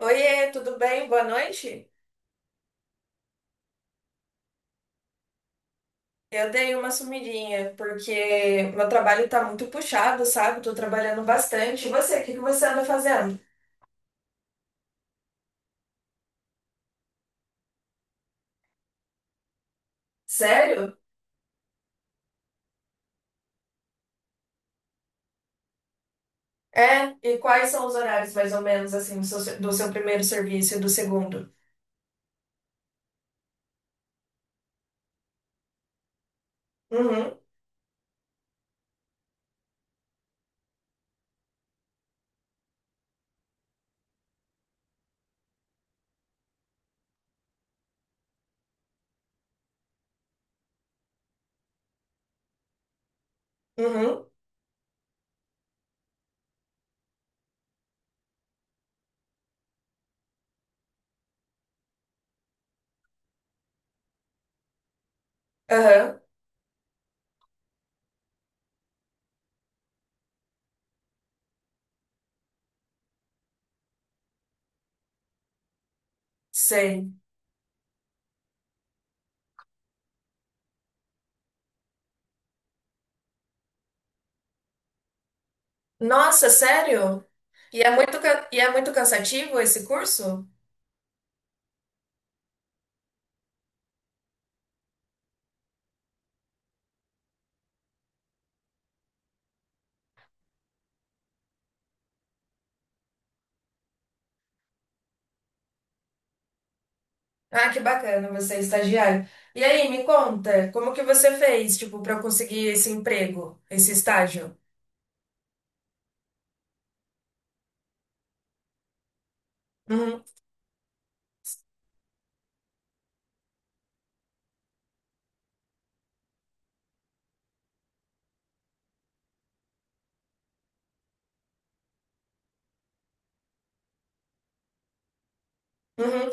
Oiê, tudo bem? Boa noite. Eu dei uma sumidinha, porque meu trabalho tá muito puxado, sabe? Tô trabalhando bastante. E você, o que que você anda fazendo? Sério? É, e quais são os horários, mais ou menos, assim, do seu primeiro serviço e do segundo? Uhum. Uhum. Aham. Sei. Nossa, sério? E é e é muito cansativo esse curso? Ah, que bacana, você é estagiário. E aí, me conta, como que você fez, tipo, para conseguir esse emprego, esse estágio? Uhum. Uhum.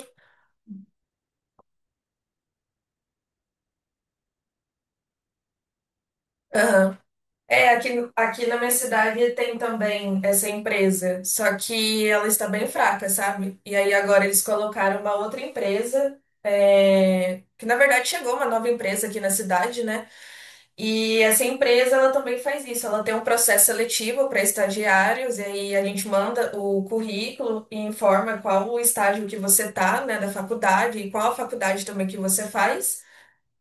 Aham. É, aqui, aqui na minha cidade tem também essa empresa, só que ela está bem fraca, sabe? E aí agora eles colocaram uma outra empresa, é, que na verdade chegou uma nova empresa aqui na cidade, né? E essa empresa, ela também faz isso. Ela tem um processo seletivo para estagiários, e aí a gente manda o currículo e informa qual o estágio que você tá, né, da faculdade e qual a faculdade também que você faz.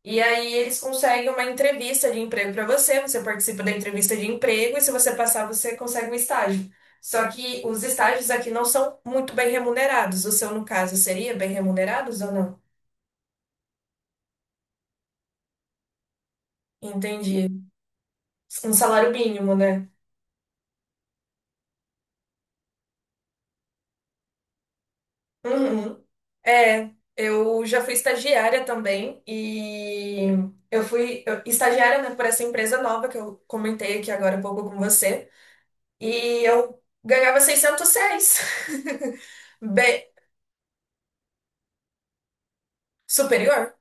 E aí eles conseguem uma entrevista de emprego para você, você participa da entrevista de emprego e se você passar, você consegue um estágio. Só que os estágios aqui não são muito bem remunerados. O seu, no caso, seria bem remunerados ou não? Entendi. Um salário mínimo, né? Uhum. É, eu já fui estagiária também e eu fui estagiária, né, por essa empresa nova que eu comentei aqui agora há pouco com você. E eu ganhava 606. Bem, superior?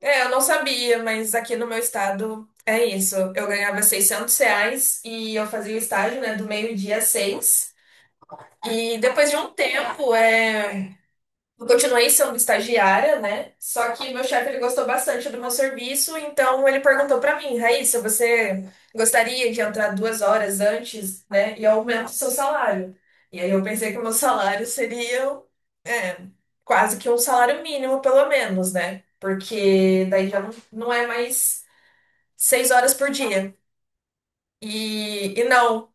É, eu não sabia, mas aqui no meu estado é isso. Eu ganhava R$ 600 e eu fazia o estágio, né, do meio-dia às seis. E depois de um tempo, eu continuei sendo estagiária, né? Só que meu chefe ele gostou bastante do meu serviço, então ele perguntou pra mim: Raíssa, você gostaria de entrar 2 horas antes, né? E aumenta o seu salário. E aí eu pensei que o meu salário seria, é, quase que um salário mínimo, pelo menos, né? Porque daí já não é mais 6 horas por dia. E não,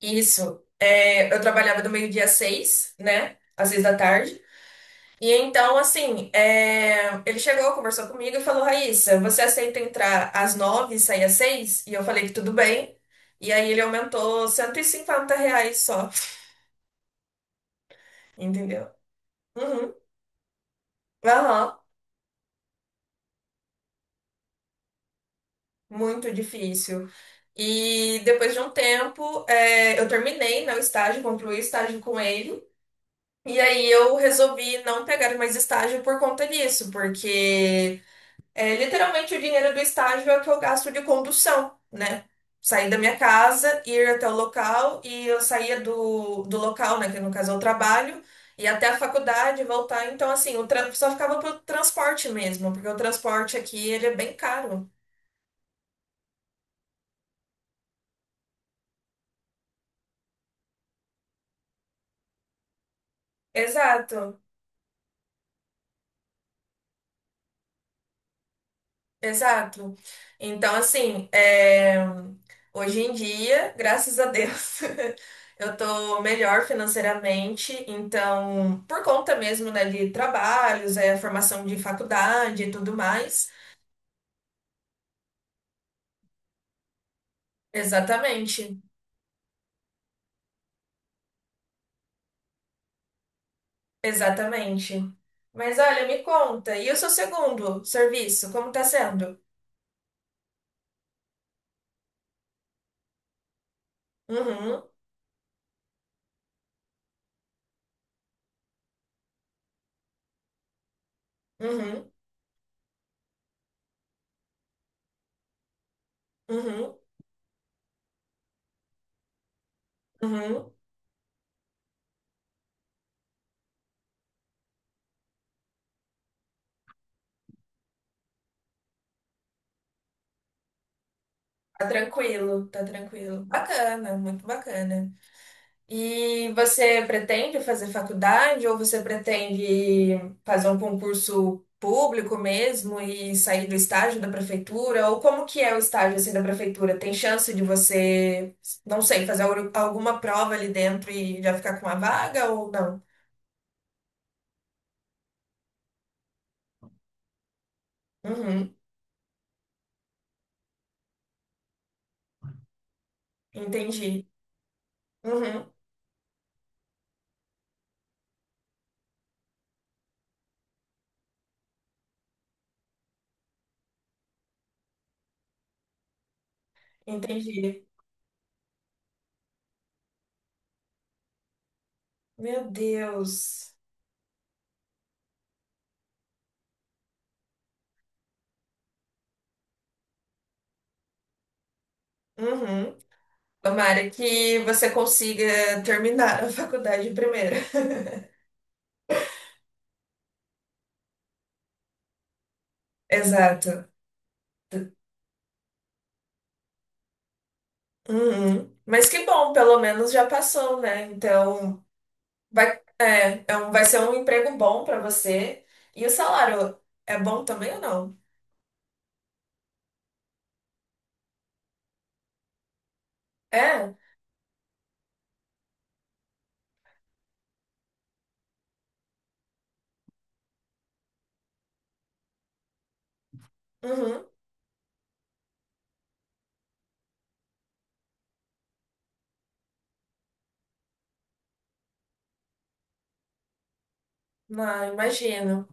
isso. É, eu trabalhava do meio-dia às seis, né? Às seis da tarde. E então, assim, é, ele chegou, conversou comigo e falou: Raíssa, você aceita entrar às nove e sair às seis? E eu falei que tudo bem. E aí ele aumentou R$ 150 só, entendeu? Uhum. Aham. Muito difícil. E depois de um tempo, é, eu terminei, né, o estágio, concluí o estágio com ele. E aí eu resolvi não pegar mais estágio por conta disso, porque é, literalmente o dinheiro do estágio é o que eu gasto de condução, né? Sair da minha casa, ir até o local e eu saía do local, né? Que no caso é o trabalho, e até a faculdade voltar. Então, assim, só ficava pro transporte mesmo, porque o transporte aqui ele é bem caro. Exato. Exato. Então, assim, é, hoje em dia, graças a Deus, eu tô melhor financeiramente. Então, por conta mesmo, né, de trabalhos, é, formação de faculdade e tudo mais. Exatamente, exatamente. Mas olha, me conta, e o seu segundo serviço, como tá sendo? Uhum. Uhum. Uhum. Uhum. Tá tranquilo, tá tranquilo. Bacana, muito bacana. E você pretende fazer faculdade ou você pretende fazer um concurso público mesmo e sair do estágio da prefeitura? Ou como que é o estágio assim da prefeitura? Tem chance de você, não sei, fazer alguma prova ali dentro e já ficar com uma vaga ou não? Uhum, entendi. Uhum, entendi. Meu Deus. Uhum. Tomara que você consiga terminar a faculdade primeiro. Exato. Uhum. Mas que bom, pelo menos já passou, né? Então vai, é, é um, vai ser um emprego bom pra você. E o salário é bom também ou não? É? Uhum. Não, imagino.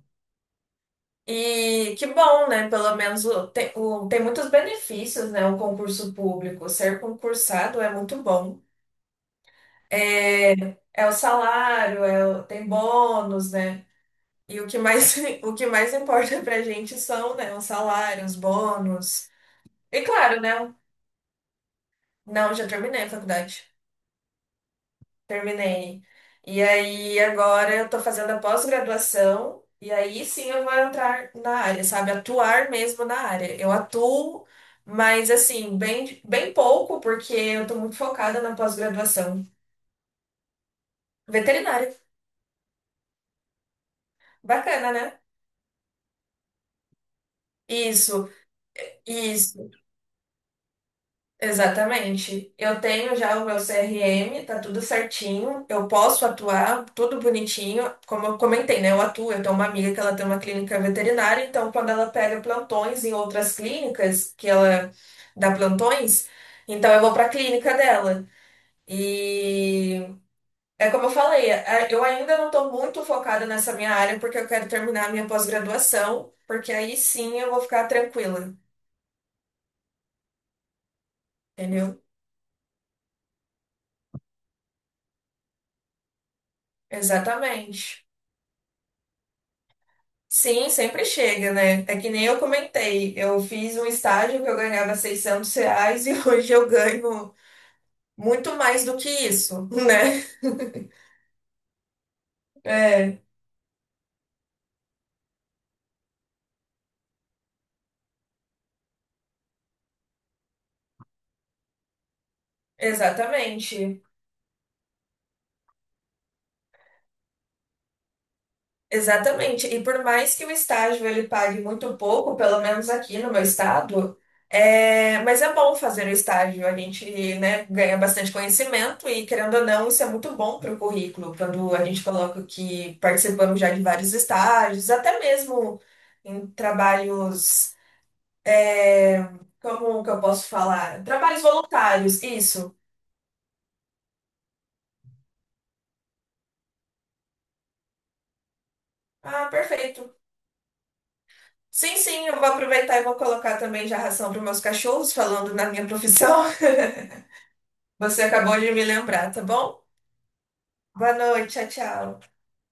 E que bom, né? Pelo menos tem, tem muitos benefícios, né? O concurso público. Ser concursado é muito bom. É, é o salário, é tem bônus, né? E o que mais, o que mais importa pra gente são, né, os salários, bônus. E claro, né? Não, já terminei a faculdade. Terminei. E aí, agora eu tô fazendo a pós-graduação, e aí sim eu vou entrar na área, sabe? Atuar mesmo na área. Eu atuo, mas assim, bem, bem pouco, porque eu tô muito focada na pós-graduação. Veterinária. Bacana, né? Isso, isso. Exatamente. Eu tenho já o meu CRM, tá tudo certinho. Eu posso atuar, tudo bonitinho. Como eu comentei, né? Eu atuo, eu tenho uma amiga que ela tem uma clínica veterinária, então quando ela pega plantões em outras clínicas, que ela dá plantões, então eu vou para a clínica dela. E é como eu falei, eu ainda não estou muito focada nessa minha área porque eu quero terminar a minha pós-graduação, porque aí sim eu vou ficar tranquila, entendeu? Exatamente. Sim, sempre chega, né? É que nem eu comentei. Eu fiz um estágio que eu ganhava 600 reais e hoje eu ganho muito mais do que isso, né? É, exatamente. Exatamente. E por mais que o estágio ele pague muito pouco, pelo menos aqui no meu estado, é... mas é bom fazer o estágio. A gente, né, ganha bastante conhecimento e, querendo ou não, isso é muito bom para o currículo, quando a gente coloca que participamos já de vários estágios, até mesmo em trabalhos, como que eu posso falar? Trabalhos voluntários, isso. Ah, perfeito. Sim, sim, eu vou aproveitar e vou colocar também já ração para meus cachorros, falando na minha profissão. Você acabou de me lembrar, tá bom? Boa noite, tchau, tchau.